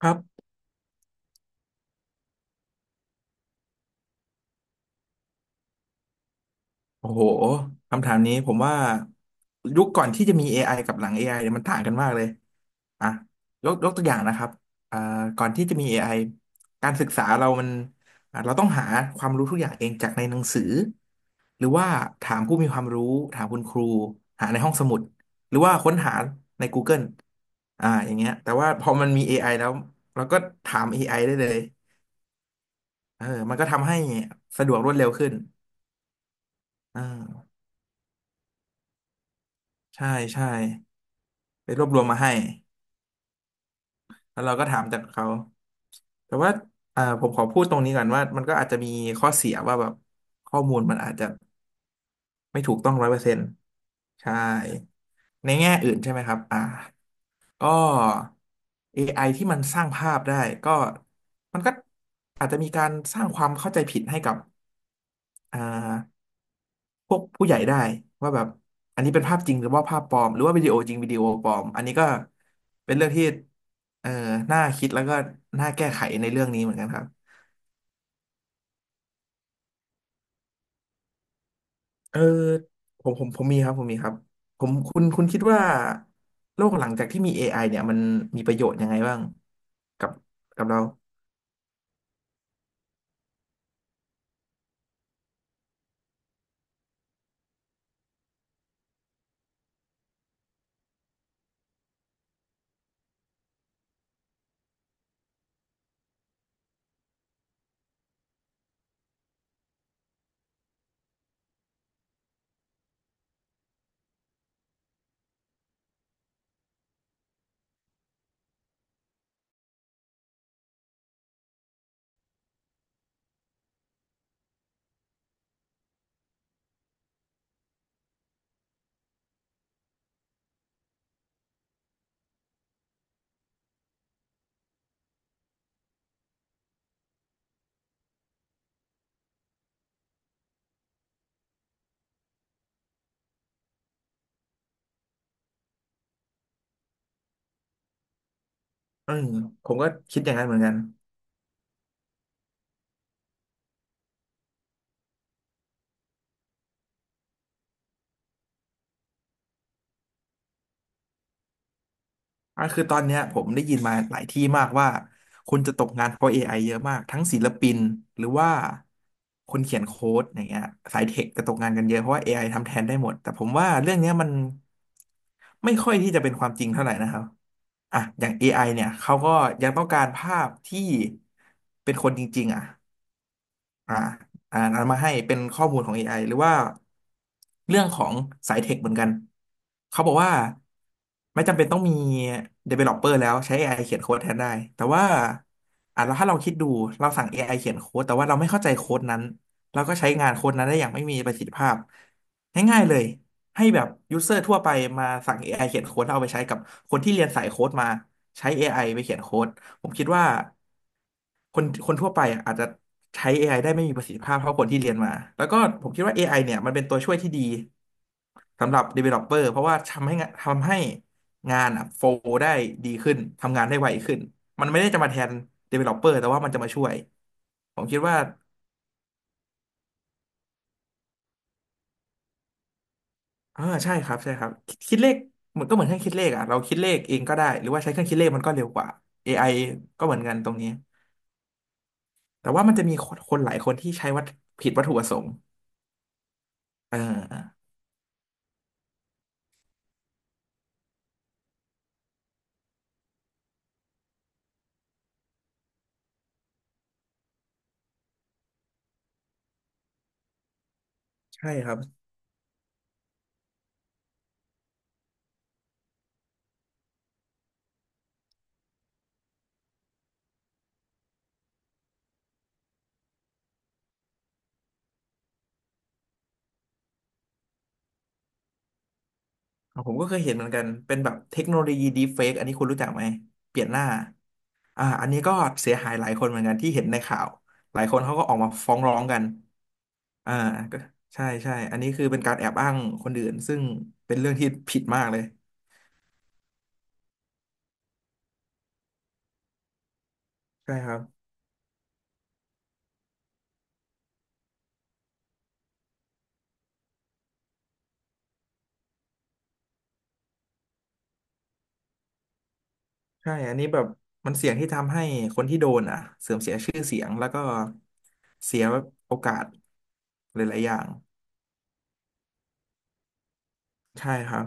ครับโอ้โหคำถามนี้ผมว่ายุคก่อนที่จะมี AI กับหลัง AI เนี่ยมันต่างกันมากเลยอ่ะยกตัวอย่างนะครับอ่าก่อนที่จะมี AI การศึกษาเรามันอ่ะเราต้องหาความรู้ทุกอย่างเองจากในหนังสือหรือว่าถามผู้มีความรู้ถามคุณครูหาในห้องสมุดหรือว่าค้นหาใน Google อ่าอย่างเงี้ยแต่ว่าพอมันมี AI แล้วเราก็ถาม AIได้เลยเออมันก็ทำให้สะดวกรวดเร็วขึ้นอ่าใช่ใช่ ไปรวบรวมมาให้ แล้วเราก็ถามจากเขา แต่ว่าผมขอพูดตรงนี้ก่อนว่า มันก็อาจจะมีข้อเสียว่าแบบข้อมูลมันอาจจะไม่ถูกต้องร้อยเปอร์เซ็นต์ใช่ ในแง่อื่นใช่ไหมครับ อ่า ก็ AI ที่มันสร้างภาพได้ ก็มันก็อาจจะมีการสร้างความเข้าใจผิดให้กับอ่า พวกผู้ใหญ่ได้ว่าแบบอันนี้เป็นภาพจริงหรือว่าภาพปลอมหรือว่าวิดีโอจริงวิดีโอปลอมอันนี้ก็เป็นเรื่องที่เอ่อน่าคิดแล้วก็น่าแก้ไขในเรื่องนี้เหมือนกันครับเออผมมีครับผมมีครับผมคุณคิดว่าโลกหลังจากที่มี AI เนี่ยมันมีประโยชน์ยังไงบ้างกับกับเราอืมผมก็คิดอย่างนั้นเหมือนกัน อ่ะคือตอนเนี้ยผมได้ยินมาหลายที่มากว่าคนจะตกงานเพราะ AI เยอะมากทั้งศิลปินหรือว่าคนเขียนโค้ดอย่างเงี้ยสายเทคจะตกงานกันเยอะเพราะว่า AI ทำแทนได้หมดแต่ผมว่าเรื่องเนี้ยมันไม่ค่อยที่จะเป็นความจริงเท่าไหร่นะครับอ่ะอย่าง AI เนี่ยเขาก็ยังต้องการภาพที่เป็นคนจริงๆอ่ะ อ่าอ่านเอามาให้เป็นข้อมูลของ AI หรือว่าเรื่องของสายเทคเหมือนกันเขาบอกว่าไม่จำเป็นต้องมี developer แล้วใช้ AI เขียนโค้ดแทนได้แต่ว่าแล้วถ้าเราคิดดูเราสั่ง AI เขียนโค้ดแต่ว่าเราไม่เข้าใจโค้ดนั้นเราก็ใช้งานโค้ดนั้นได้อย่างไม่มีประสิทธิภาพง่ายๆเลยให้แบบยูเซอร์ทั่วไปมาสั่ง AI เขียนโค้ดแล้วเอาไปใช้กับคนที่เรียนสายโค้ดมาใช้ AIไปเขียนโค้ด ผมคิดว่าคนทั่วไปอะอาจจะใช้ AIได้ไม่มีประสิทธิภาพเท่าคนที่เรียนมา แล้วก็ผมคิดว่า AI เนี่ยมันเป็นตัวช่วยที่ดีสำหรับ developer เพราะว่าทำให้งานอะโฟลได้ดีขึ้นทำงานได้ไวขึ้นมันไม่ได้จะมาแทน developer แต่ว่ามันจะมาช่วย ผมคิดว่าใช่ครับใช่ครับคิดเลขเหมือนก็เหมือนเครื่องคิดเลขอ่ะเราคิดเลขเองก็ได้ หรือว่าใช้เครื่องคิดเลขมันก็เร็วกว่า AI ก็เหมือนกันตรงนี้แต่ว่ามันจะมีคนหลายคนที่ใช้วัตผิดวัตถุประสงค์ อ่าใช่ครับผมก็เคยเห็นเหมือนกันเป็นแบบเทคโนโลยีดีเฟกอันนี้คุณรู้จักไหมเปลี่ยนหน้าอันนี้ก็เสียหายหลายคนเหมือนกันที่เห็นในข่าวหลายคนเขาก็ออกมาฟ้องร้องกันอ่าก็ใช่ใช่อันนี้คือเป็นการแอบอ้างคนอื่นซึ่งเป็นเรื่องที่ผิดมากเลยใช่ครับใช่อันนี้แบบมันเสี่ยงที่ทำให้คนที่โดนอ่ะเสื่อมเสียชื่อเสียงแล้วก็เสียโอกาสหลายๆอย่างใช่ครับ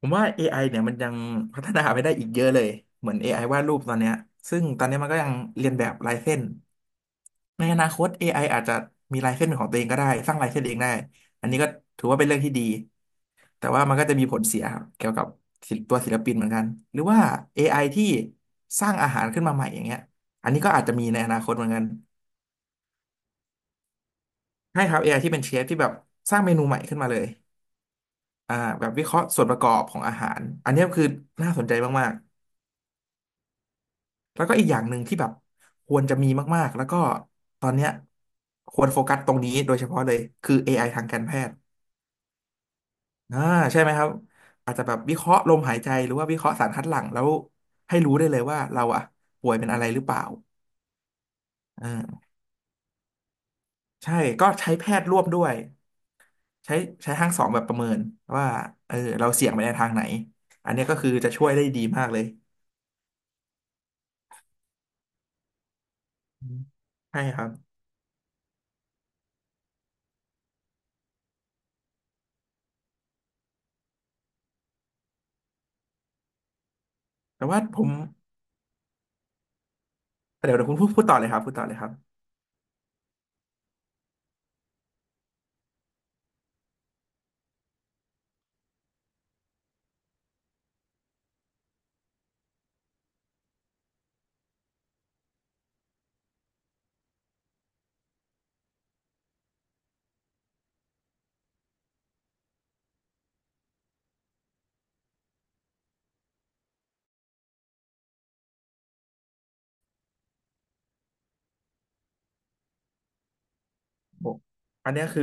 ผมว่า AI เนี่ยมันยังพัฒนาไปได้อีกเยอะเลยเหมือน AI วาดรูปตอนเนี้ยซึ่งตอนเนี้ยมันก็ยังเรียนแบบลายเส้นในอนาคต AI อไออาจจะมีลายเส้นเป็นของตัวเองก็ได้สร้างลายเส้นเองได้อันนี้ก็ถือว่าเป็นเรื่องที่ดีแต่ว่ามันก็จะมีผลเสียครับเกี่ยวกับศิลป์ตัวศิลปินเหมือนกันหรือว่า AI ที่สร้างอาหารขึ้นมาใหม่อย่างเงี้ยอันนี้ก็อาจจะมีในอนาคตเหมือนกันใช่ครับ AI ที่เป็นเชฟที่แบบสร้างเมนูใหม่ขึ้นมาเลยอ่าแบบวิเคราะห์ส่วนประกอบของอาหารอันเนี้ยคือน่าสนใจมาก แล้วก็อีกอย่างหนึ่งที่แบบควรจะมีมากๆ แล้วก็ตอนเนี้ยควรโฟกัสตรงนี้โดยเฉพาะเลยคือ AI ทางการแพทย์อ่าใช่ไหมครับอาจจะแบบวิเคราะห์ลมหายใจหรือว่าวิเคราะห์สารคัดหลั่งแล้วให้รู้ได้เลยว่าเราอะป่วยเป็นอะไรหรือเปล่าอ่าใช่ก็ใช้แพทย์ร่วมด้วยใช้ใช้ทั้งสองแบบประเมินว่าเออเราเสี่ยงไปในทางไหนอันเนี้ยก็คือจะช่วยได้ดีมากเลยอืมใช่ครับแต่ว่าผมเดี๋ยวคุณพูดต่อเลยครับพูดต่อเลยครับ โอ้อันเนี้ยคือ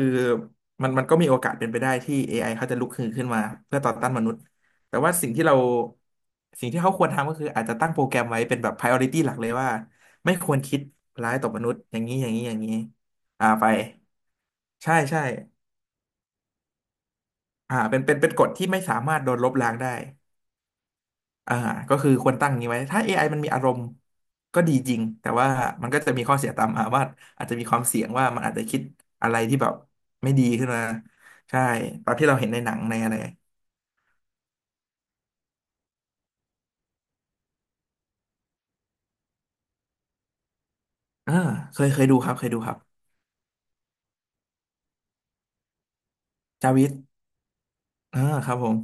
มันก็มีโอกาสเป็นไปได้ที่ AI เขาจะลุกฮือขึ้นมาเพื่อต่อต้านมนุษย์ แต่ว่าสิ่งที่เราสิ่งที่เขาควรทำก็คืออาจจะตั้งโปรแกรมไว้เป็นแบบ priority หลักเลยว่าไม่ควรคิดร้ายต่อมนุษย์อย่างนี้อย่างนี้อย่างนี้ไปใช่ใช่เป็นกฎที่ไม่สามารถโดนลบล้างได้ อ่าก็คือควรตั้งอย่างนี้ไว้ถ้า AI มันมีอารมณ์ก็ดีจริงแต่ว่ามันก็จะมีข้อเสียตามมาว่าอาจจะมีความเสี่ยงว่ามันอาจจะคิดอะไรที่แบบไม่ดีขึ้นมาใช่ตามที่เราเห็นในหนังในอะไรอ่าเคยดูครับเคยดูครับจาวิสอ่าครับผม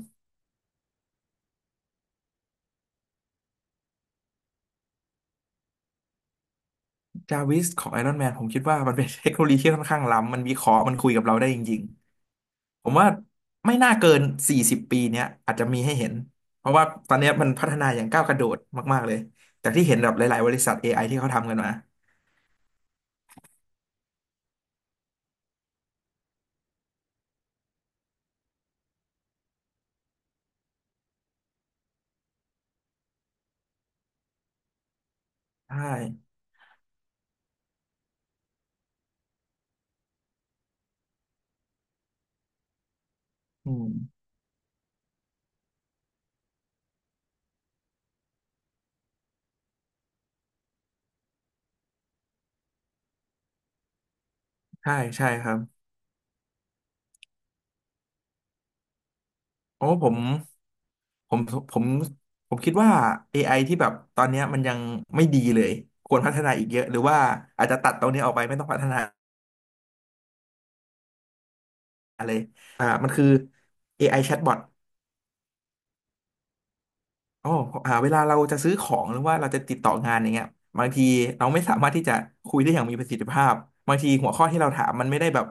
จาวิสของไอรอนแมนผมคิดว่ามันเป็นเทคโนโลยีที่ค่อนข้างล้ำมันวิเคราะห์มันคุยกับเราได้จริงๆผมว่าไม่น่าเกิน40 ปีเนี้ยอาจจะมีให้เห็นเพราะว่าตอนเนี้ยมันพัฒนาอย่างก้าวกระโดดมากๆเลยจากที่เห็นแบบหลายๆบริษัทเอไอที่เขาทำกันมา ใช่อืมใช่ ใช่ครับโอ้ผมผมผมคิดว่า AI ที่แบบตอนเนี้ยมันยังไม่ดีเลย ควรพัฒนาอีกเยอะหรือว่าอาจจะตัดตรงนี้ออกไปไม่ต้องพัฒนาเลยมันคือ AI chatbot อ๋อเวลาเราจะซื้อของหรือว่าเราจะติดต่องานอย่างเงี้ยบางทีเราไม่สามารถที่จะคุยได้อย่างมีประสิทธิภาพบางทีหัวข้อที่เราถามมันไม่ได้แบบ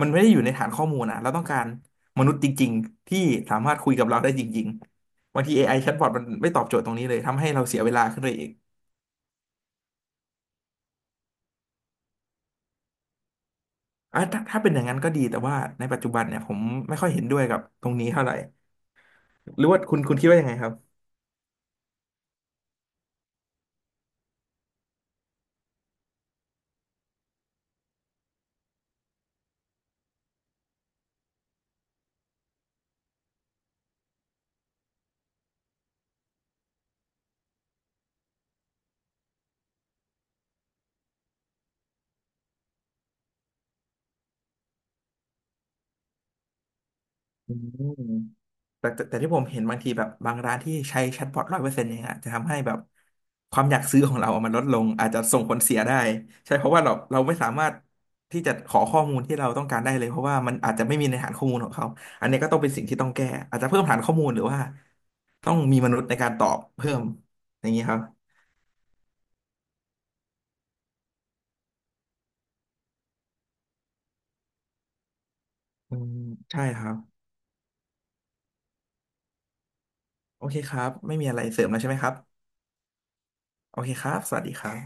มันไม่ได้อยู่ในฐานข้อมูลนะเราต้องการมนุษย์จริงๆที่สามารถคุยกับเราได้จริงๆบางที AI แชทบอทมันไม่ตอบโจทย์ตรงนี้เลยทำให้เราเสียเวลาขึ้นไปอีกอ่ะถ้าเป็นอย่างนั้นก็ดีแต่ว่าในปัจจุบันเนี่ยผมไม่ค่อยเห็นด้วยกับตรงนี้เท่าไหร่หรือว่าคุณคิดว่ายังไงครับอืม แต่ที่ผมเห็นบางทีแบบบางร้านที่ใช้แชทบอท100%เนี่ยฮะจะทำให้แบบความอยากซื้อของเราอะมันลดลงอาจจะส่งผลเสียได้ใช่เพราะว่าเราไม่สามารถที่จะขอข้อมูลที่เราต้องการได้เลยเพราะว่ามันอาจจะไม่มีในฐานข้อมูลของเขาอันนี้ก็ต้องเป็นสิ่งที่ต้องแก้อาจจะเพิ่มฐานข้อมูลหรือว่าต้องมีมนุษย์ในการตอบเพิ่มอย่างนี้ครับอืมใช่ครับโอเคครับไม่มีอะไรเสริมแล้วใช่ไหมครับโอเคครับสวัสดีครับ